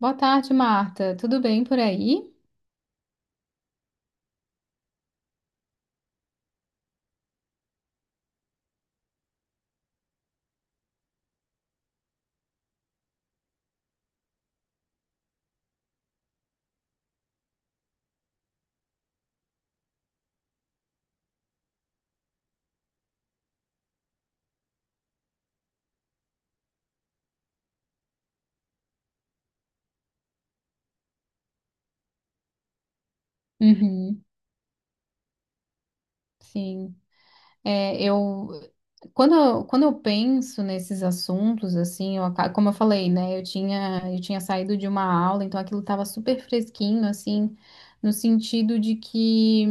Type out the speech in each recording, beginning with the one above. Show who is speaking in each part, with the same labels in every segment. Speaker 1: Boa tarde, Marta. Tudo bem por aí? Uhum, sim. É, quando eu penso nesses assuntos, assim, como eu falei, né? Eu tinha saído de uma aula, então aquilo estava super fresquinho, assim, no sentido de que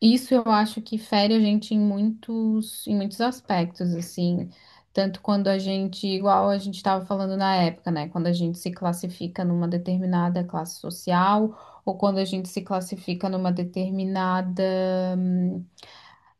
Speaker 1: isso eu acho que fere a gente em muitos aspectos, assim. Tanto quando a gente, igual a gente estava falando na época, né? Quando a gente se classifica numa determinada classe social, ou quando a gente se classifica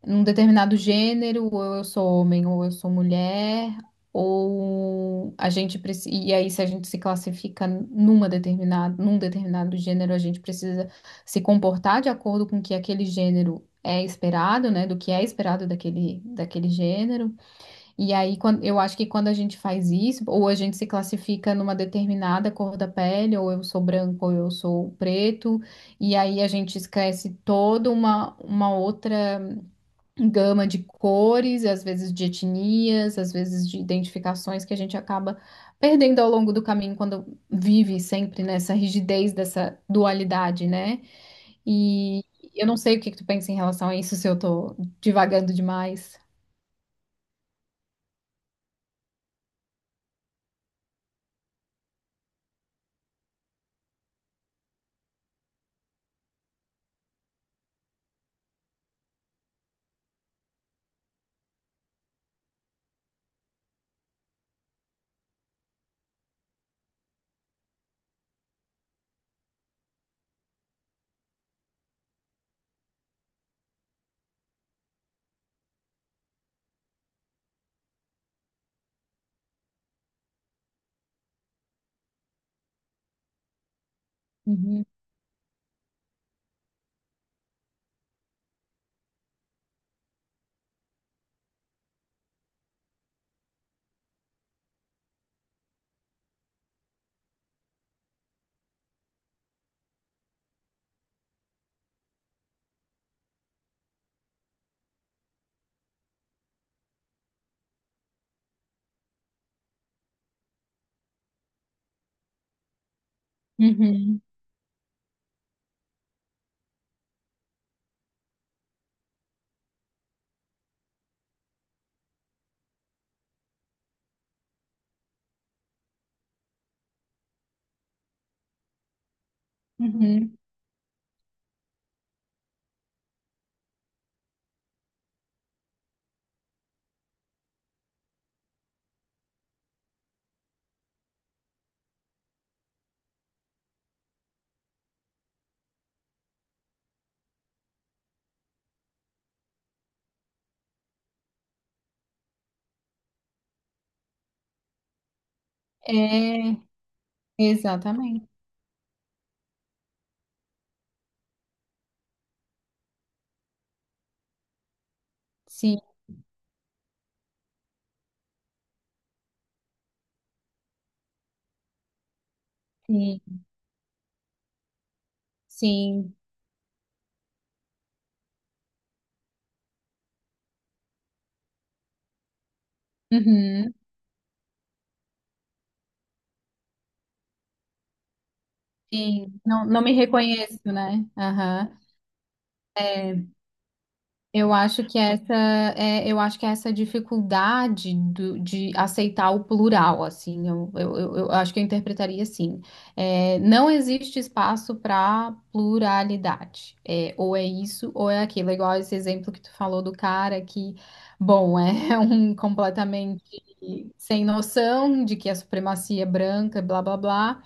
Speaker 1: num determinado gênero, ou eu sou homem, ou eu sou mulher, ou a gente precisa. E aí, se a gente se classifica num determinado gênero, a gente precisa se comportar de acordo com o que aquele gênero é esperado, né? Do que é esperado daquele gênero. E aí, eu acho que quando a gente faz isso, ou a gente se classifica numa determinada cor da pele, ou eu sou branco, ou eu sou preto, e aí a gente esquece toda uma outra gama de cores, às vezes de etnias, às vezes de identificações que a gente acaba perdendo ao longo do caminho quando vive sempre nessa rigidez dessa dualidade, né? E eu não sei o que que tu pensa em relação a isso, se eu tô divagando demais. Uhum. Uhum. Uhum. É, exatamente. Sim, sim, sim. Uhum. Sim. Não, não me reconheço, né? Aham. Eu acho que essa eu acho que essa dificuldade de aceitar o plural, assim, eu acho que eu interpretaria assim. É, não existe espaço para pluralidade. É, ou é isso ou é aquilo. É igual esse exemplo que tu falou do cara que, bom, é um completamente sem noção de que a supremacia é branca, blá blá blá.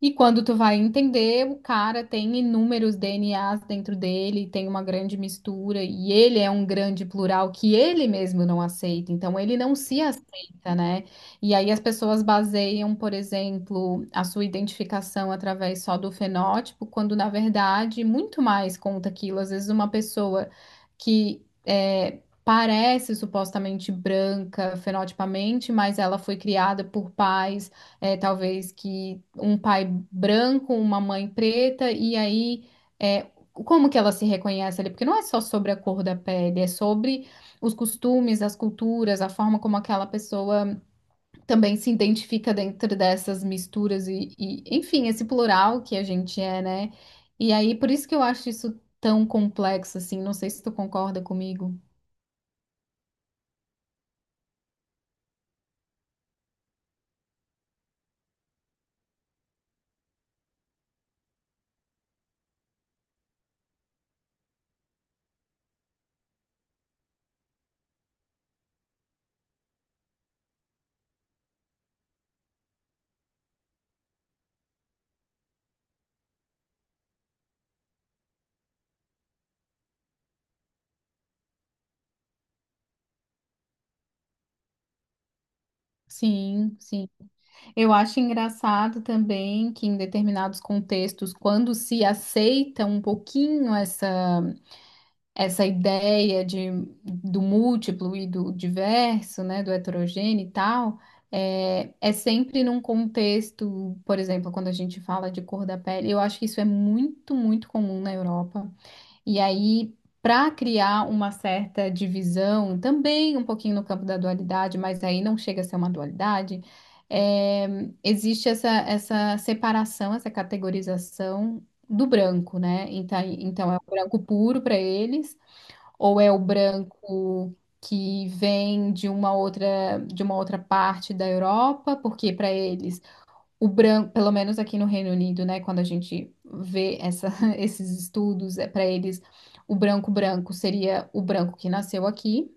Speaker 1: E quando tu vai entender, o cara tem inúmeros DNAs dentro dele, tem uma grande mistura, e ele é um grande plural que ele mesmo não aceita, então ele não se aceita, né? E aí as pessoas baseiam, por exemplo, a sua identificação através só do fenótipo, quando na verdade muito mais conta aquilo. Às vezes uma pessoa que é, parece supostamente branca fenotipamente, mas ela foi criada por pais é, talvez que um pai branco, uma mãe preta, e aí é, como que ela se reconhece ali? Porque não é só sobre a cor da pele, é sobre os costumes, as culturas, a forma como aquela pessoa também se identifica dentro dessas misturas e, enfim, esse plural que a gente é, né? E aí, por isso que eu acho isso tão complexo, assim, não sei se tu concorda comigo. Sim, sim. Eu acho engraçado também que em determinados contextos, quando se aceita um pouquinho essa ideia do múltiplo e do diverso, né, do heterogêneo e tal, é, é sempre num contexto, por exemplo, quando a gente fala de cor da pele, eu acho que isso é muito, muito comum na Europa. E aí, para criar uma certa divisão, também um pouquinho no campo da dualidade, mas aí não chega a ser uma dualidade, é, existe essa separação, essa categorização do branco, né? Então é o branco puro para eles, ou é o branco que vem de uma outra parte da Europa, porque para eles. O branco, pelo menos aqui no Reino Unido, né, quando a gente vê essa, esses estudos, é para eles o branco branco seria o branco que nasceu aqui,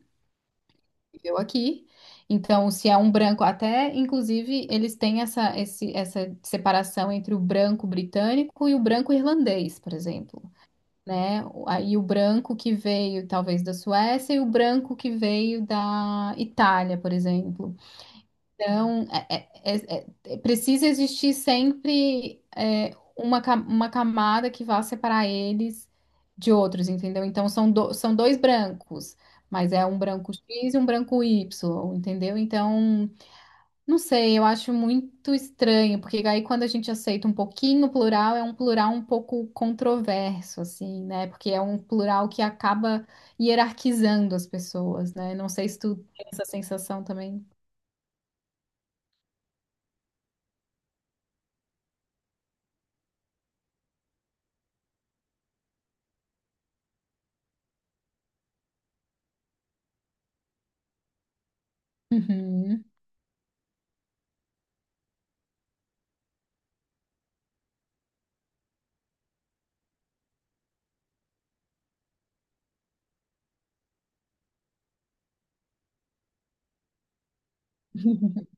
Speaker 1: viveu aqui. Então, se é um branco, até inclusive eles têm essa separação entre o branco britânico e o branco irlandês, por exemplo, né? Aí o branco que veio talvez da Suécia e o branco que veio da Itália, por exemplo. Então, é- é- é- precisa existir sempre é, uma camada que vá separar eles de outros, entendeu? Então, são dois brancos, mas é um branco X e um branco Y, entendeu? Então, não sei, eu acho muito estranho, porque aí quando a gente aceita um pouquinho o plural, é um plural um pouco controverso, assim, né? Porque é um plural que acaba hierarquizando as pessoas, né? Não sei se tu tem essa sensação também. Uhum.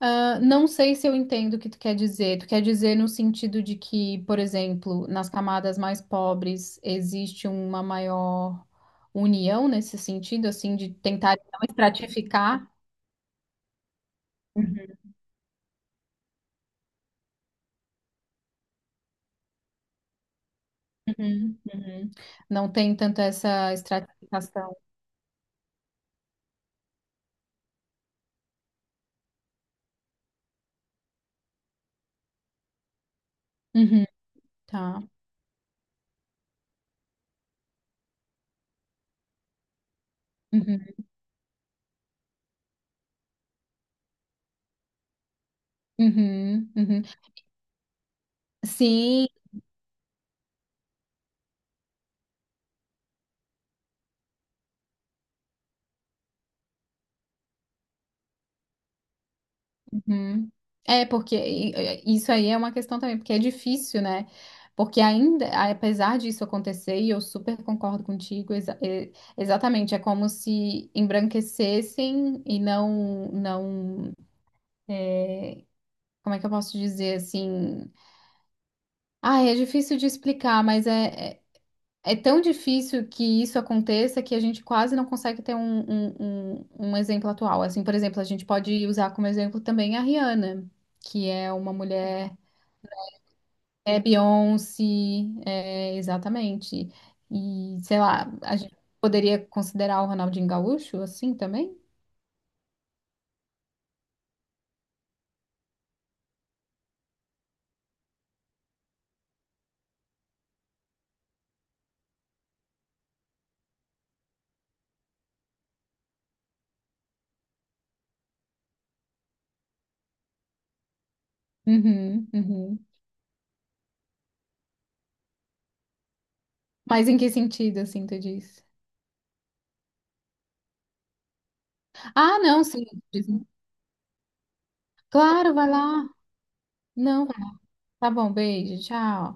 Speaker 1: Ah, não sei se eu entendo o que tu quer dizer. Tu quer dizer no sentido de que, por exemplo, nas camadas mais pobres existe uma maior união nesse sentido, assim, de tentar não estratificar? Uhum, uhum, uhum. Não tem tanto essa estratificação. Uhum, tá. Uhum, uhum, uhum. Sim. Hum. É, porque isso aí é uma questão também, porque é difícil, né? Porque ainda, apesar disso acontecer, e eu super concordo contigo, exatamente, é como se embranquecessem e não, não, como é que eu posso dizer assim? Ah, é difícil de explicar, mas é tão difícil que isso aconteça que a gente quase não consegue ter um exemplo atual. Assim, por exemplo, a gente pode usar como exemplo também a Rihanna, que é uma mulher. É Beyoncé, é, exatamente. E, sei lá, a gente poderia considerar o Ronaldinho Gaúcho assim também? Uhum, uhum. Mas em que sentido, assim, tu diz? Ah, não, sim. diz- Claro, vai lá. Não, vai lá. Tá bom, beijo, tchau.